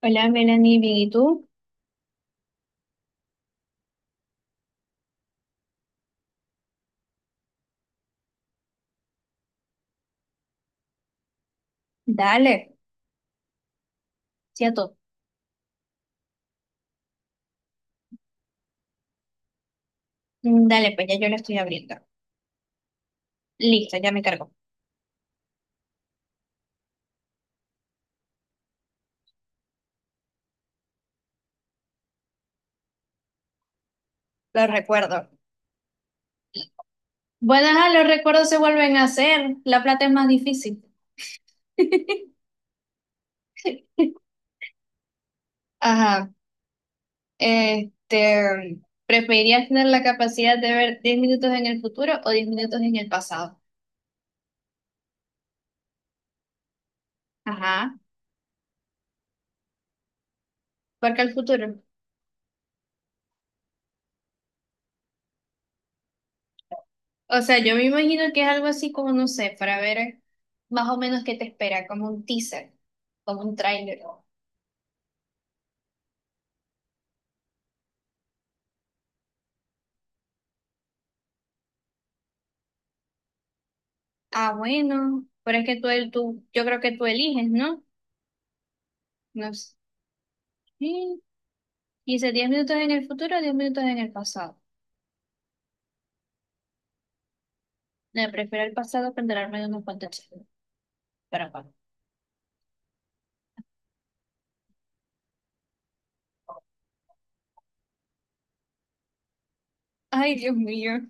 Hola, Melanie, ¿bien y tú? Dale, cierto. Dale, pues ya yo lo estoy abriendo. Listo, ya me cargo. Lo recuerdo. Bueno, ajá, los recuerdos se vuelven a hacer. La plata es más difícil. Ajá. Este, ¿preferirías tener la capacidad de ver 10 minutos en el futuro o 10 minutos en el pasado? Ajá. Porque el futuro. O sea, yo me imagino que es algo así como, no sé, para ver más o menos qué te espera, como un teaser, como un tráiler. Ah, bueno, pero es que tú, tú, yo creo que tú eliges, ¿no? No sé. Sí, dice 10 minutos en el futuro, 10 minutos en el pasado. No, prefiero el pasado para enterarme de unos cuantos chismes. Pero bueno. Ay, Dios mío.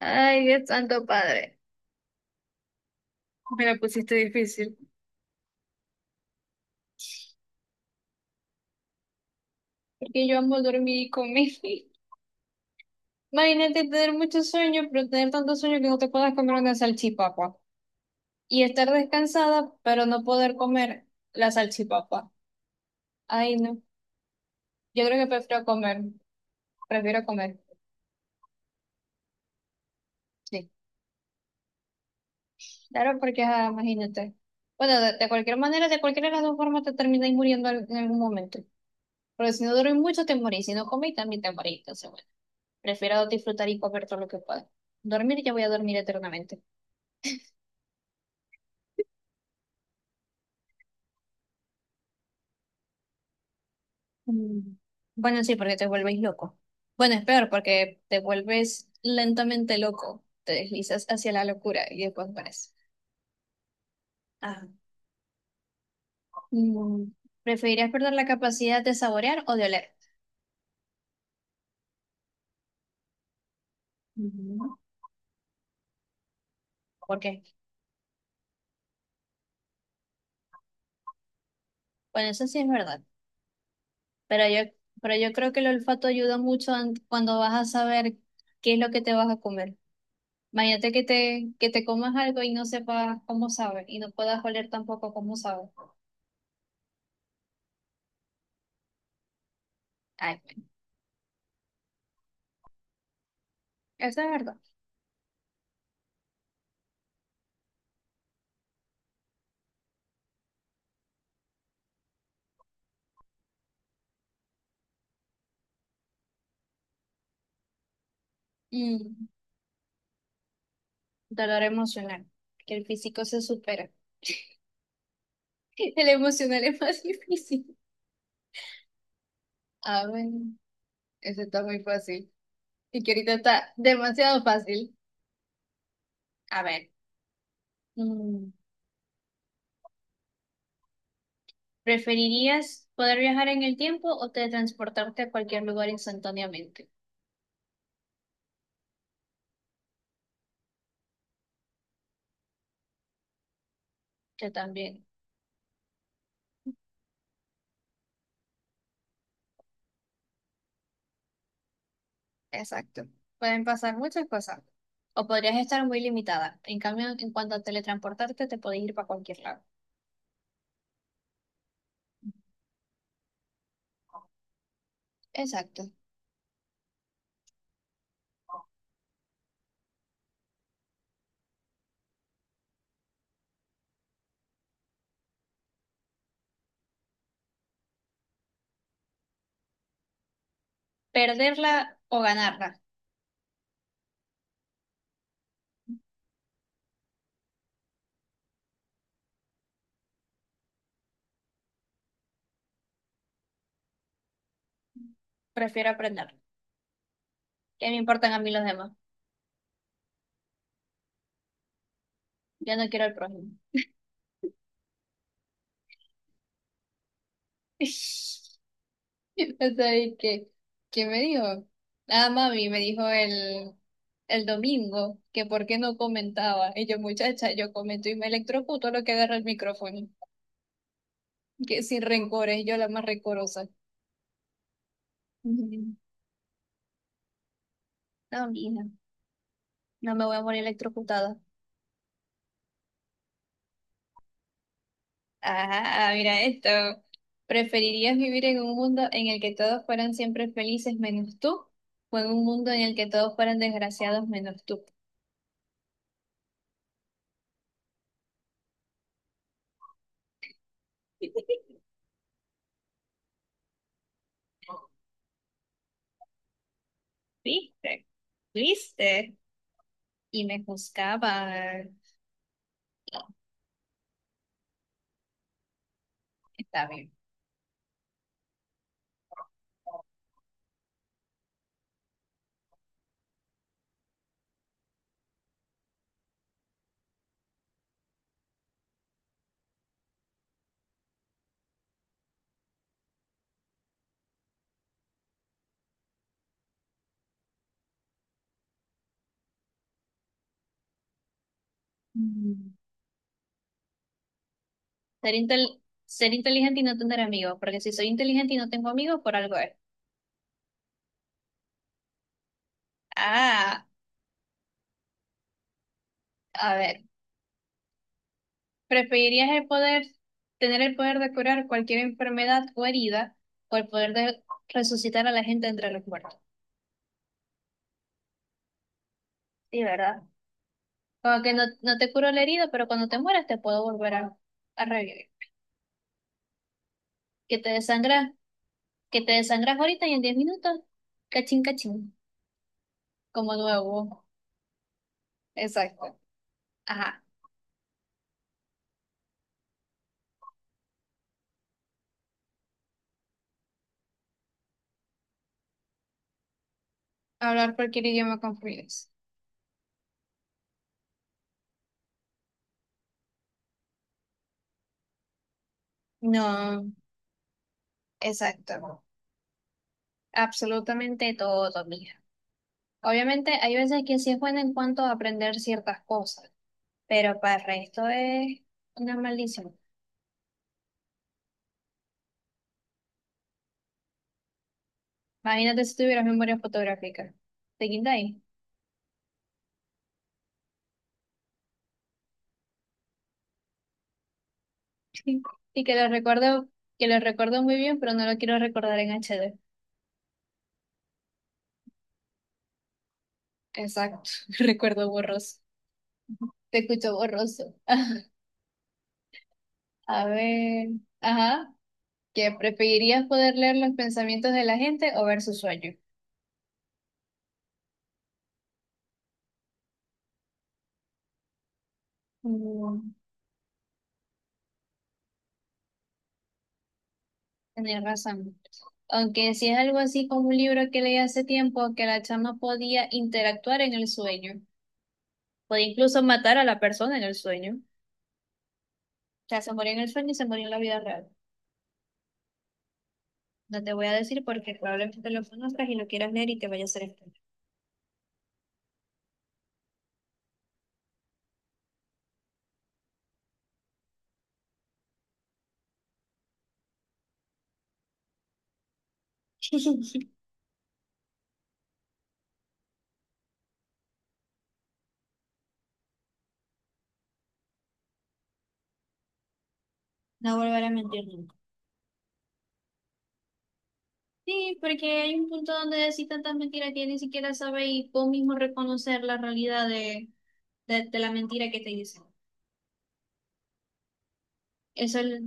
Ay, Dios santo padre. Me la pusiste difícil. Porque yo amo dormir y comer. Imagínate tener mucho sueño, pero tener tanto sueño que no te puedas comer una salchipapa. Y estar descansada, pero no poder comer la salchipapa. Ay, no. Yo creo que prefiero comer. Prefiero comer. Sí, claro, porque imagínate. Bueno, de cualquier manera, de cualquiera de las dos formas te termináis muriendo en algún momento. Porque si no duermes mucho, te morís. Si no comís, también te morís. Entonces, bueno, prefiero disfrutar y comer todo lo que pueda. Dormir, ya voy a dormir eternamente. Mm. Bueno, sí, porque te vuelves loco. Bueno, es peor, porque te vuelves lentamente loco. Te deslizas hacia la locura y después mueres. Ah. Mm. ¿Preferirías perder la capacidad de saborear o de oler? Ujú. ¿Por qué? Bueno, eso sí es verdad. Pero yo, pero yo creo que el olfato ayuda mucho cuando vas a saber qué es lo que te vas a comer. Imagínate que te comas algo y no sepas cómo sabe y no puedas oler tampoco cómo sabe. Ay, bueno, eso es verdad. Mm, Dolor emocional, que el físico se supera. El emocional es más difícil. A ver, eso está muy fácil. Y que ahorita está demasiado fácil. A ver, mm, ¿preferirías poder viajar en el tiempo o teletransportarte a cualquier lugar instantáneamente? Yo también, exacto. Pueden pasar muchas cosas. O podrías estar muy limitada. En cambio, en cuanto a teletransportarte, te podés ir para cualquier lado. Exacto. Perderla o ganarla. Prefiero aprenderla. ¿Qué me importan a mí los demás? Ya no quiero el prójimo. O sea, ¿qué me dijo? Ah, mami, me dijo el domingo que por qué no comentaba. Y yo, muchacha, yo comento y me electrocuto lo que agarra el micrófono. Que sin rencores, yo la más rencorosa. Ujú. No, mija, no me voy a morir electrocutada. Ah, mira esto. ¿Preferirías vivir en un mundo en el que todos fueran siempre felices menos tú? ¿O en un mundo en el que todos fueran desgraciados menos tú? ¿Viste? ¿Viste? Y me juzgaban. No, está bien. Mm. Ser, intel- ser inteligente y no tener amigos, porque si soy inteligente y no tengo amigos, por algo es. Ah, a ver. ¿Preferirías tener el poder de curar cualquier enfermedad o herida o el poder de resucitar a la gente entre los muertos? Sí, ¿verdad? Como que no, no te curo la herida, pero cuando te mueras te puedo volver a revivir. Que te desangras, que te desangras ahorita y en 10 minutos, cachín, cachín, como nuevo. Exacto. Ajá. Hablar cualquier idioma con fluidez. No, exacto. Absolutamente todo, mija. Obviamente hay veces que sí es bueno en cuanto a aprender ciertas cosas pero para el resto es una maldición. Imagínate si tuvieras memoria fotográfica. ¿Te quita ahí? Y que lo recuerdo muy bien, pero no lo quiero recordar en HD. Exacto, recuerdo borroso. Te escucho borroso. A ver, ajá, ¿que preferirías poder leer los pensamientos de la gente o ver sus sueños? Mm, Tenés razón. Aunque si es algo así como un libro que leí hace tiempo, que la chama podía interactuar en el sueño. Puede incluso matar a la persona en el sueño. O sea, se murió en el sueño y se murió en la vida real. No te voy a decir porque probablemente lo conozcas y lo quieras leer y te vaya a hacer esto. No volveré a mentir nunca. Sí, porque hay un punto donde decís tantas mentiras que ni siquiera sabes y vos mismo reconocer la realidad de la mentira que te dicen. Eso es-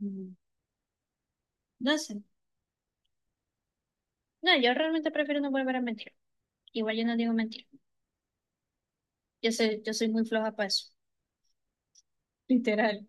mm, no sé. No, yo realmente prefiero no volver a mentir. Igual yo no digo mentir. Yo soy muy floja para eso. Literal.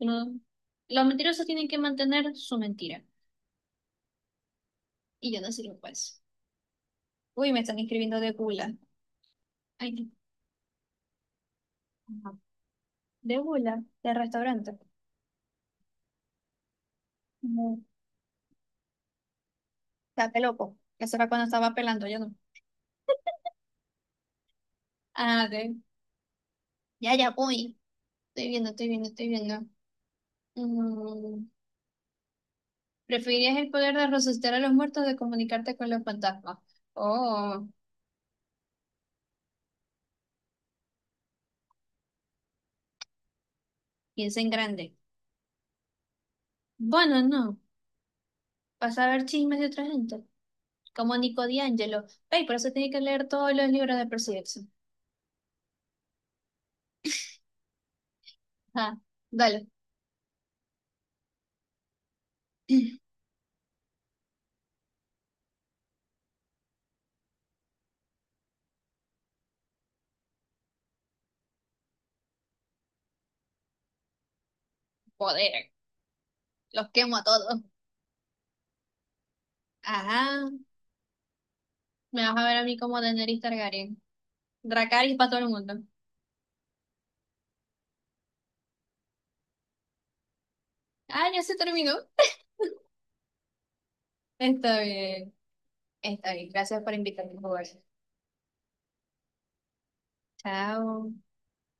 No. Los mentirosos tienen que mantener su mentira. Y yo no sé qué es. Uy, me están escribiendo de gula. Ay, no. Ajá. De gula, de restaurante. No. Está loco. Eso era cuando estaba pelando, yo no. Ah, de. Ya, ya voy. Estoy viendo, estoy viendo, estoy viendo. Mm, ¿Preferirías el poder de resucitar a los muertos de comunicarte con los fantasmas? Oh, piensa en grande. Bueno, no. Vas a ver chismes de otra gente. Como Nico D'Angelo. Ey, por eso tiene que leer todos los libros de Percy Jackson. Ah, dale. Poder. Los quemo a todos. Ajá, me vas a ver a mí como Daenerys Targaryen. Dracarys para todo el mundo. Ah, ya se terminó. Está bien, está bien. Gracias por invitarme a jugar. Chao.